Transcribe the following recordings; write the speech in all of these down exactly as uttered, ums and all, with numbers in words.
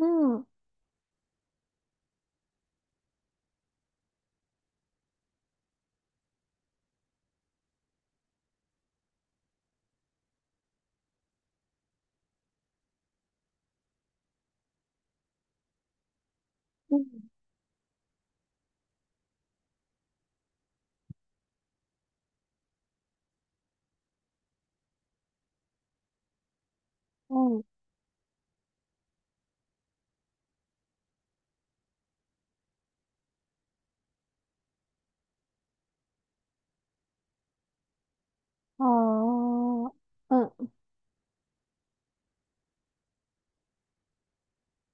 음, 음, 음, 아, 음,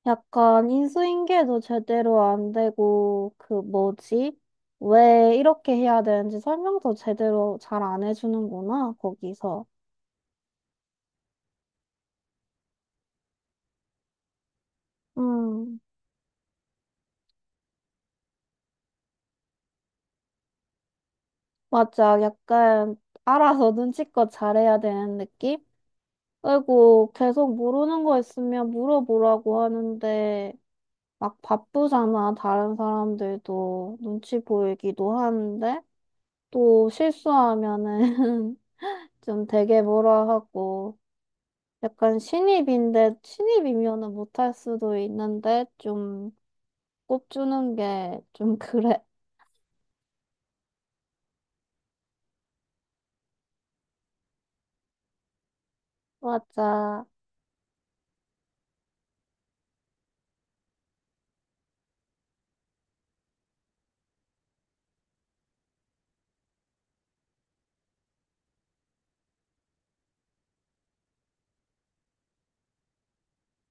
약간 인수인계도 제대로 안 되고, 그 뭐지? 왜 이렇게 해야 되는지 설명도 제대로 잘 안 해주는구나, 거기서. 음, 맞아. 약간 알아서 눈치껏 잘해야 되는 느낌? 그리고 계속 모르는 거 있으면 물어보라고 하는데, 막 바쁘잖아, 다른 사람들도. 눈치 보이기도 하는데. 또 실수하면은 좀 되게 뭐라 하고, 약간 신입인데 신입이면은 못할 수도 있는데 좀 꼽주는 게 좀 그래. 맞아.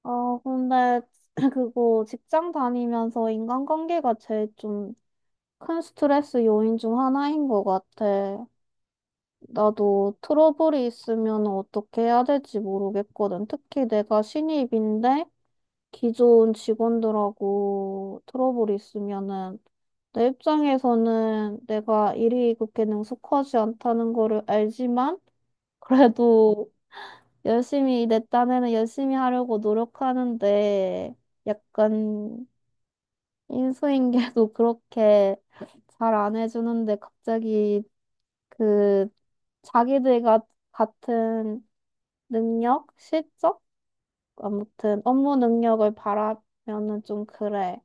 어, 근데 그거 직장 다니면서 인간관계가 제일 좀 큰 스트레스 요인 중 하나인 것 같아. 나도 트러블이 있으면 어떻게 해야 될지 모르겠거든. 특히 내가 신입인데 기존 직원들하고 트러블이 있으면은 내 입장에서는 내가 일이 그렇게 능숙하지 않다는 거를 알지만, 그래도 열심히, 내 딴에는 열심히 하려고 노력하는데, 약간 인수인계도 그렇게 잘 안 해주는데 갑자기 그 자기들과 같은 능력, 실적? 아무튼 업무 능력을 바라면은 좀 그래.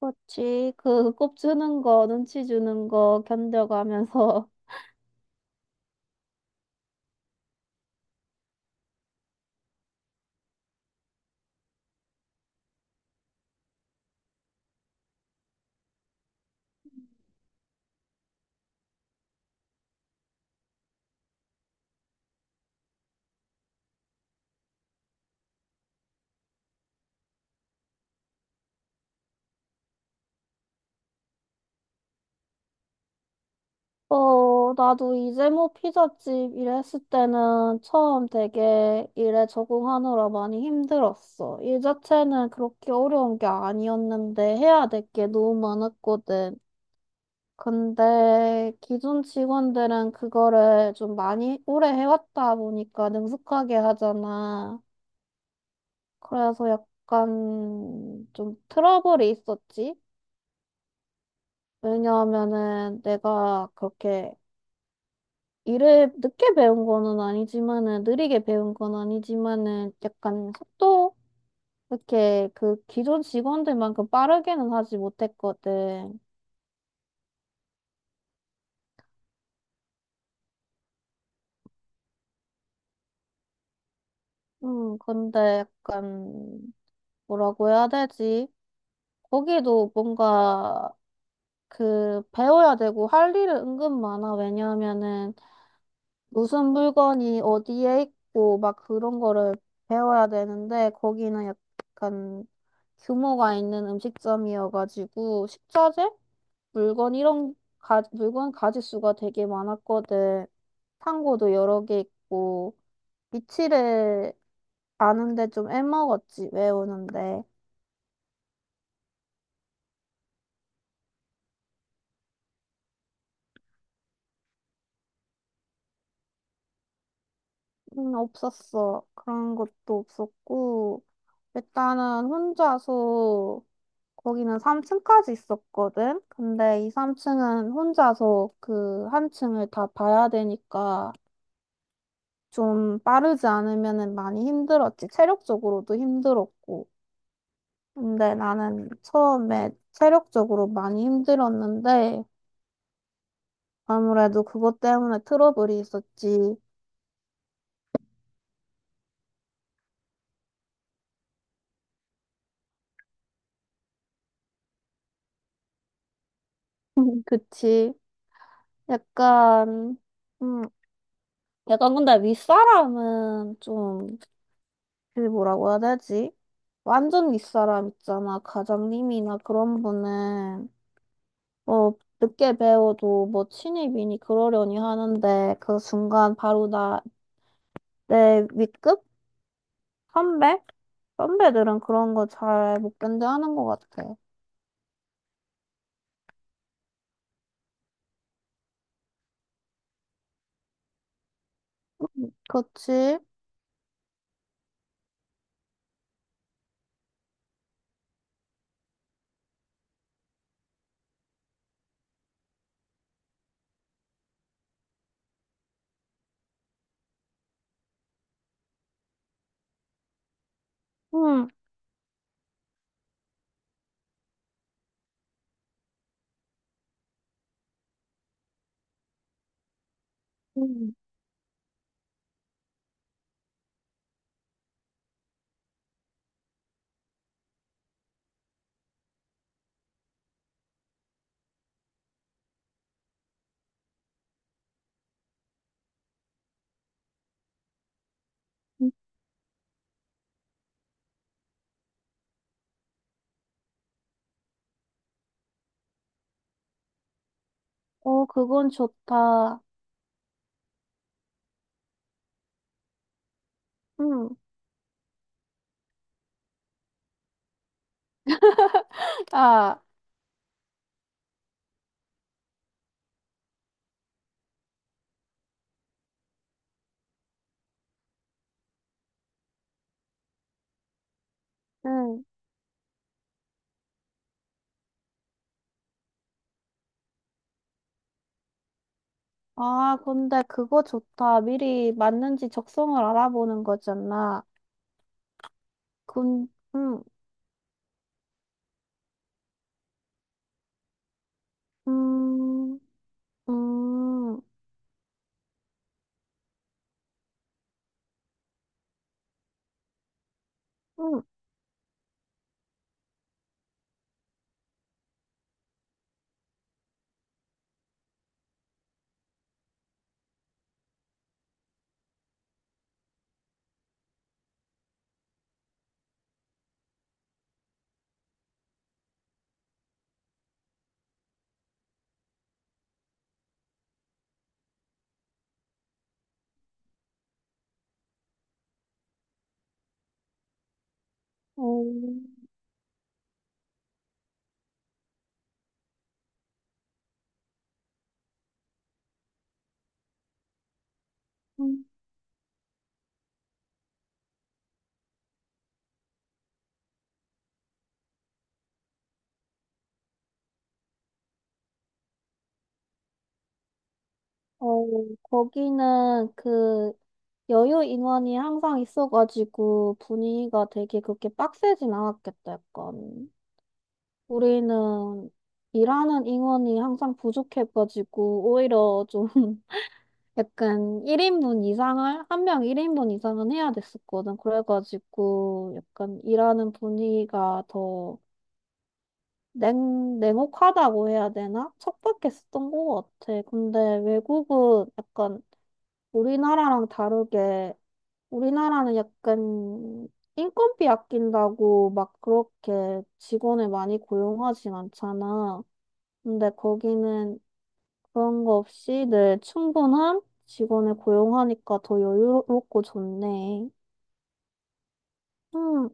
그렇지. 그, 꼽 주는 거, 눈치 주는 거 견뎌가면서. 어, 나도 이제 뭐 피자집 일했을 때는 처음 되게 일에 적응하느라 많이 힘들었어. 일 자체는 그렇게 어려운 게 아니었는데 해야 될 게 너무 많았거든. 근데 기존 직원들은 그거를 좀 많이 오래 해왔다 보니까 능숙하게 하잖아. 그래서 약간 좀 트러블이 있었지. 왜냐하면은 내가 그렇게 일을 늦게 배운 거는 아니지만은, 느리게 배운 건 아니지만은 약간 속도, 이렇게 그 기존 직원들만큼 빠르게는 하지 못했거든. 음, 근데 약간 뭐라고 해야 되지? 거기도 뭔가 그 배워야 되고 할 일은 은근 많아. 왜냐하면은 무슨 물건이 어디에 있고 막 그런 거를 배워야 되는데, 거기는 약간 규모가 있는 음식점이어가지고 식자재? 물건 이런 가, 물건 가짓수가 되게 많았거든. 창고도 여러 개 있고 위치를 아는데 좀 애먹었지, 외우는데. 음, 없었어. 그런 것도 없었고 일단은 혼자서, 거기는 삼 층까지 있었거든. 근데 이 삼 층은 혼자서 그 한 층을 다 봐야 되니까 좀 빠르지 않으면은 많이 힘들었지. 체력적으로도 힘들었고. 근데 나는 처음에 체력적으로 많이 힘들었는데 아무래도 그것 때문에 트러블이 있었지. 그치. 약간, 음, 약간 근데 윗사람은 좀, 그 뭐라고 해야 되지? 완전 윗사람 있잖아. 과장님이나 그런 분은 어 늦게 배워도 뭐 신입이니 그러려니 하는데, 그 순간 바로 나 내 윗급 선배 선배들은 그런 거 잘 못 견뎌하는 것 같아. 그렇지? 응. 응. 어, 그건 좋다. 응. 아. 응. 아, 근데 그거 좋다. 미리 맞는지 적성을 알아보는 거잖아. 군, 응. 음, 음, 음, 어, 음, 어, 거기는 그 여유 인원이 항상 있어가지고 분위기가 되게 그렇게 빡세진 않았겠다, 약간. 우리는 일하는 인원이 항상 부족해가지고 오히려 좀 약간 일 인분 이상을, 한 명 일 인분 이상은 해야 됐었거든. 그래가지고 약간 일하는 분위기가 더 냉, 냉혹하다고 해야 되나? 척박했었던 것 같아. 근데 외국은 약간, 우리나라랑 다르게, 우리나라는 약간 인건비 아낀다고 막 그렇게 직원을 많이 고용하진 않잖아. 근데 거기는 그런 거 없이 늘 충분한 직원을 고용하니까 더 여유롭고 좋네. 음.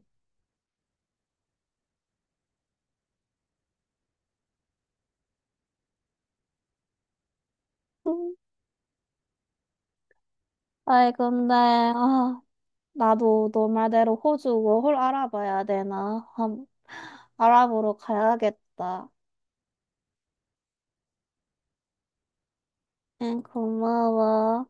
음. 아이, 근데, 아. 나도 너 말대로 호주 고 홀 알아봐야 되나? 함, 알아보러 가야겠다. 응, 고마워.